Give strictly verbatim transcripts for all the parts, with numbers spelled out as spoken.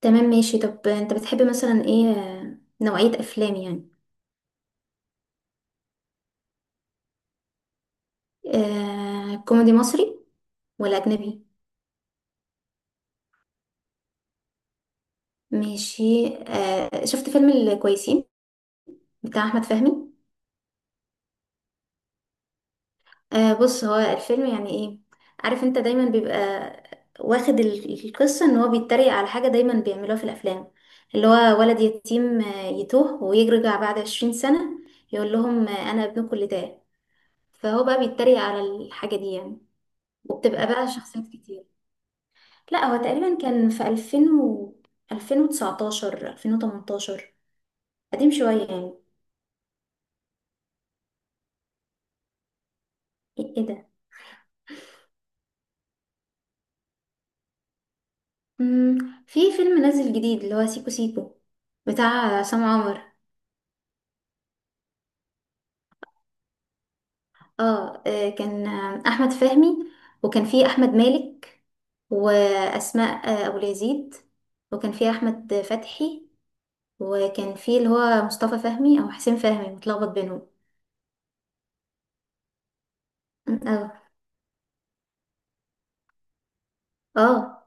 تمام، ماشي. طب انت بتحب مثلا ايه، آه، نوعية افلام يعني؟ آه، كوميدي مصري ولا اجنبي؟ ماشي. آه، شفت فيلم الكويسين بتاع احمد فهمي؟ آه، بص، هو الفيلم يعني ايه، عارف انت دايما بيبقى واخد ال- القصة ان هو بيتريق على حاجة دايما بيعملوها في الافلام، اللي هو ولد يتيم آه، يتوه ويرجع بعد عشرين سنة، يقول لهم آه، انا ابنكم اللي تاه. فهو بقى بيتريق على الحاجة دي يعني. وبتبقى بقى شخصيات كتير. لا، هو تقريبا كان في ألفين و ألفين وتسعة عشر، ألفين وتمنتاشر، قديم شوية يعني. ايه إيه ده؟ مم. في فيلم نازل جديد اللي هو سيكو سيكو بتاع عصام عمر. اه آه، كان آه، احمد فهمي، وكان فيه احمد مالك، واسماء آه، ابو اليزيد، وكان فيه احمد فتحي، وكان فيه اللي هو مصطفى فهمي او حسين فهمي متلخبط بينهم. م- اه. اه،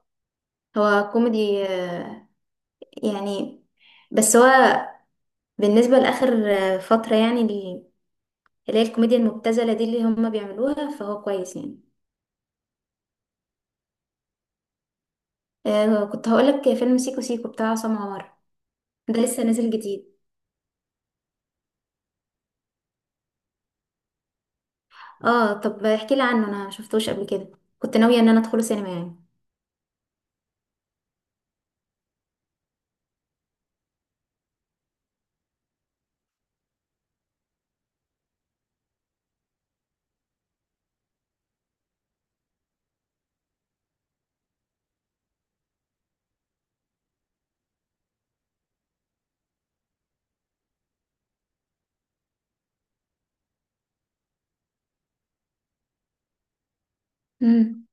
هو كوميدي آه، يعني، بس هو بالنسبة لآخر آه، فترة يعني ال- اللي هي الكوميديا المبتذلة دي اللي هما بيعملوها، فهو كويس يعني. آه، كنت هقولك فيلم سيكو سيكو بتاع عصام عمر، ده لسه نازل جديد. اه، طب احكي لي عنه، انا مشفتوش قبل كده، كنت ناوية ان انا ادخله سينما يعني. امم،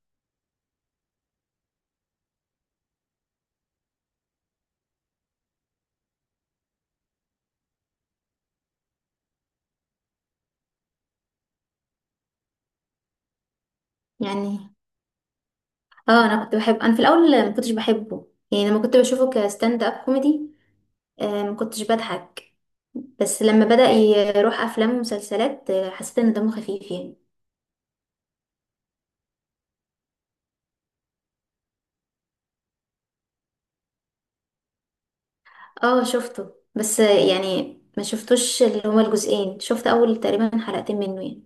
يعني اه، انا كنت بحب، انا في الاول ما كنتش بحبه يعني، لما كنت بشوفه كستاند اب كوميدي آه ما كنتش بضحك. بس لما بدأ يروح افلام ومسلسلات آه، حسيت ان دمه خفيف يعني. اه، شفته بس يعني ما شفتوش اللي هما الجزئين، شفت اول تقريبا حلقتين منه يعني.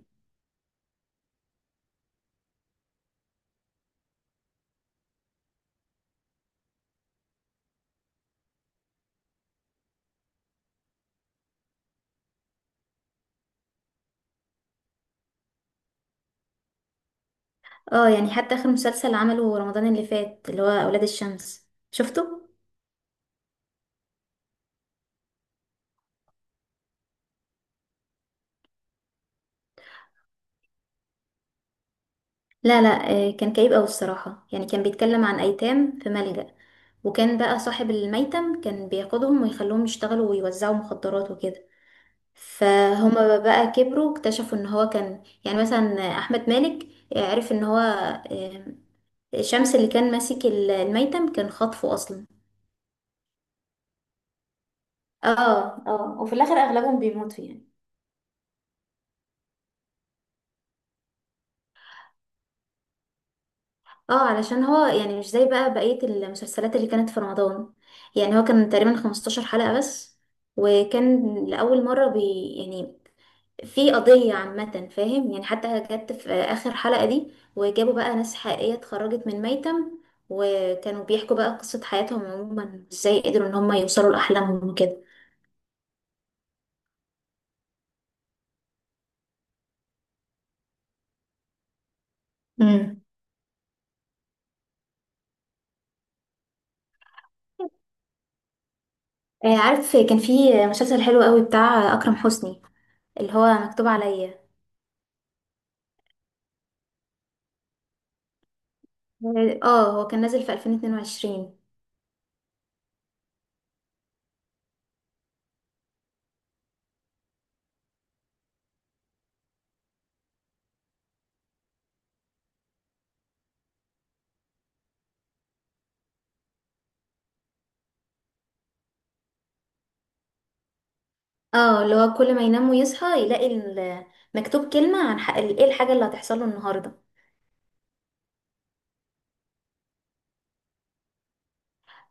اه يعني، حتى اخر مسلسل عمله رمضان اللي فات اللي هو اولاد الشمس، شفته؟ لا لا، آه، كان كئيب اوي الصراحة يعني، كان بيتكلم عن ايتام في ملجأ، وكان بقى صاحب الميتم كان بياخدهم ويخلوهم يشتغلوا ويوزعوا مخدرات وكده. فهما بقى كبروا اكتشفوا ان هو كان، يعني مثلا احمد مالك عرف ان هو آه، شمس اللي كان ماسك ال- الميتم كان خاطفه اصلا. اه اه، وفي الاخر اغلبهم بيموتوا يعني. اه، علشان هو يعني مش زي بقى بقية المسلسلات اللي كانت في رمضان، يعني هو كان تقريبا 15 حلقة بس، وكان لأول مرة بي يعني في قضية عامة، فاهم يعني؟ حتى جت في آخر حلقة دي، وجابوا بقى ناس حقيقية اتخرجت من ميتم، وكانوا بيحكوا بقى قصة حياتهم عموما ازاي قدروا ان هم يوصلوا لأحلامهم وكده. امم. آه، عارف كان في مسلسل حلو قوي بتاع أكرم حسني اللي هو مكتوب عليا؟ اه، هو كان نازل في ألفين واتنين وعشرين. اه، اللي هو كل ما ينام ويصحى يلاقي ال- مكتوب كلمة عن حق ايه الحاجة اللي هتحصل له النهاردة.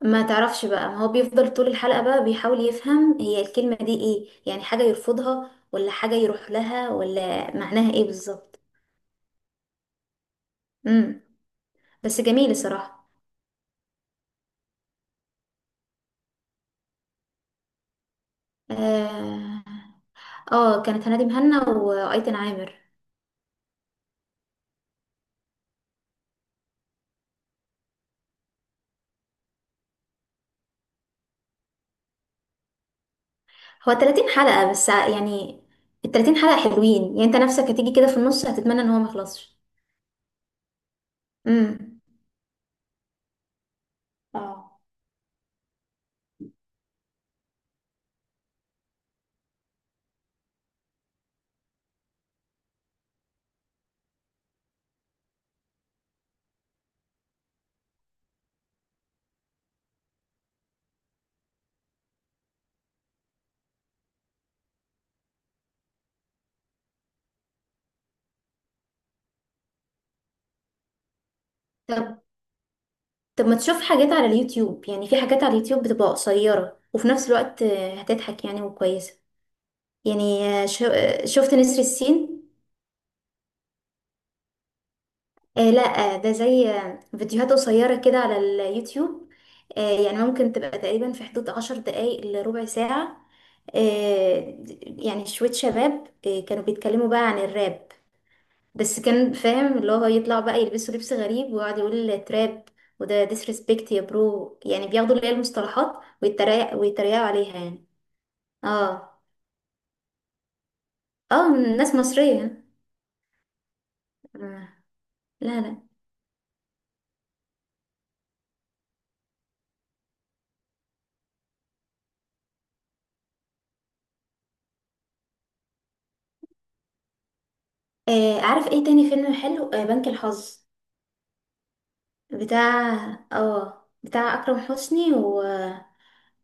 ما تعرفش بقى، ما هو بيفضل طول الحلقة بقى بيحاول يفهم هي الكلمة دي ايه، يعني حاجة يرفضها ولا حاجة يروح لها، ولا معناها ايه بالظبط. امم. بس جميل الصراحة. اه، آه، كانت هنادي مهنا وايتن عامر. هو 30 حلقة بس، ع- يعني ال 30 حلقة حلوين، يعني انت نفسك هتيجي كده في النص هتتمنى ان هو ما يخلصش. امم. اه طب، طب ما تشوف حاجات على اليوتيوب؟ يعني في حاجات على اليوتيوب بتبقى قصيرة وفي نفس الوقت آه، هتضحك يعني وكويسة. يعني آه، شو- آه، شفت نسر السين؟ آه لا، آه، ده زي آه، فيديوهات قصيرة كده على اليوتيوب، آه، يعني ممكن تبقى تقريبا في حدود عشر دقايق لربع ساعة. آه يعني شوية شباب آه كانوا بيتكلموا بقى عن الراب، بس كان فاهم اللي هو يطلع بقى يلبسوا لبس غريب ويقعد يقول تراب، وده disrespect يا برو، يعني بياخدوا اللي هي المصطلحات ويتريق ويتريقوا عليها يعني. اه اه، ناس مصرية. آه. لا لا، آه عارف ايه تاني فيلم حلو؟ آه، بنك الحظ بتاع، اه بتاع أكرم حسني، و...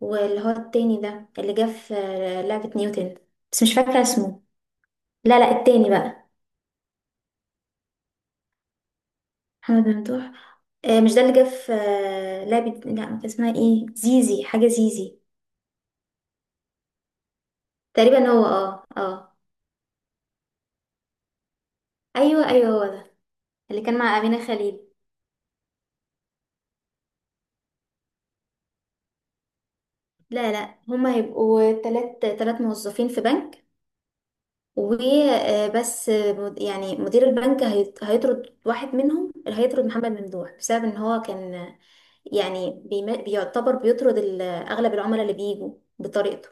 واللي هو التاني ده اللي جه في آه، لعبة نيوتن، بس مش فاكرة اسمه. لا لا، التاني بقى. محمد ممدوح، آه، مش ده اللي جه في آه، لعبة؟ لا، ما كان اسمها ايه، زيزي، حاجة زيزي. تقريبا هو، اه اه. ايوه ايوه، هو ده. اللي كان مع أمينة خليل. لا لا، هما هيبقوا تلات تلات موظفين في بنك وبس. يعني مدير البنك هيط- هيطرد واحد منهم، اللي هيطرد محمد ممدوح بسبب ان هو كان آه، يعني بيم- بيعتبر بيطرد ال- اغلب العملاء اللي بيجوا بطريقته.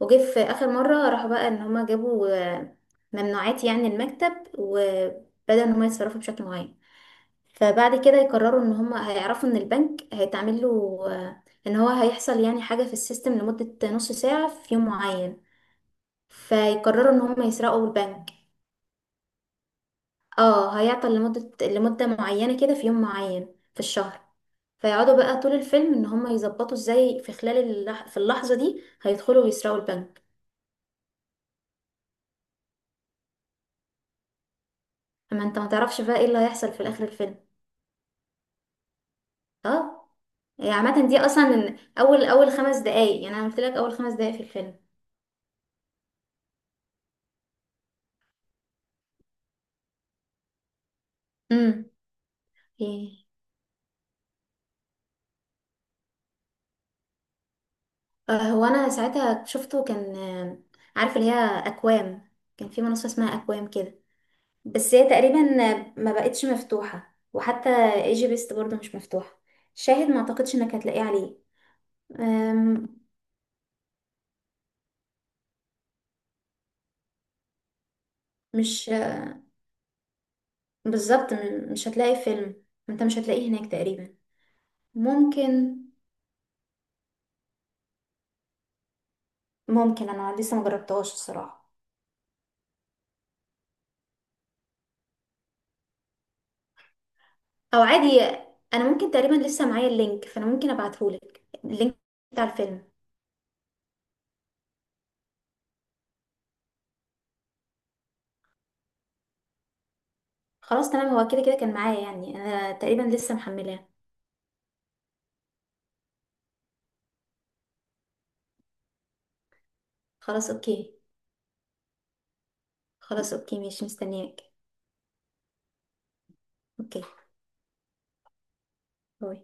وجه في اخر مره راحوا بقى ان هما جابوا آه، ممنوعات يعني المكتب، وبدأ ان هما يتصرفوا بشكل معين. فبعد كده يقرروا ان هما هيعرفوا ان البنك هيتعمل له آه، ان هو هيحصل يعني حاجه في السيستم لمده نص ساعه في يوم معين، فيقرروا ان هما يسرقوا البنك. اه، هيعطل لمده لمده معينه كده في يوم معين في الشهر. فيقعدوا بقى طول الفيلم ان هما يظبطوا ازاي في خلال اللح... في اللحظه دي هيدخلوا ويسرقوا البنك. اما انت ما تعرفش بقى ايه اللي هيحصل في الاخر الفيلم. اه، هي عامة دي أصلا أول أول خمس دقايق، يعني أنا قلت لك أول خمس دقايق في الفيلم. امم. إيه. آه، هو أنا ساعتها شفته كان آه، عارف اللي هي أكوام، كان في منصة اسمها أكوام كده. بس هي تقريبا آه، ما بقتش مفتوحة، وحتى ايجي بيست برضه مش مفتوحة. شاهد ما أعتقدش إنك هتلاقيه عليه. آم، مش آه، بالظبط، م- مش هتلاقي فيلم، أنت مش هتلاقيه هناك تقريبا. ممكن ممكن. أنا لسه مجربتهاش الصراحة. او عادي، انا ممكن تقريبا لسه معايا اللينك، فانا ممكن ابعتهولك اللينك بتاع الفيلم. خلاص تمام، هو كده كده كان معايا يعني، انا تقريبا لسه محملاه. خلاص اوكي. خلاص اوكي ماشي، مستنياك. اوكي باي.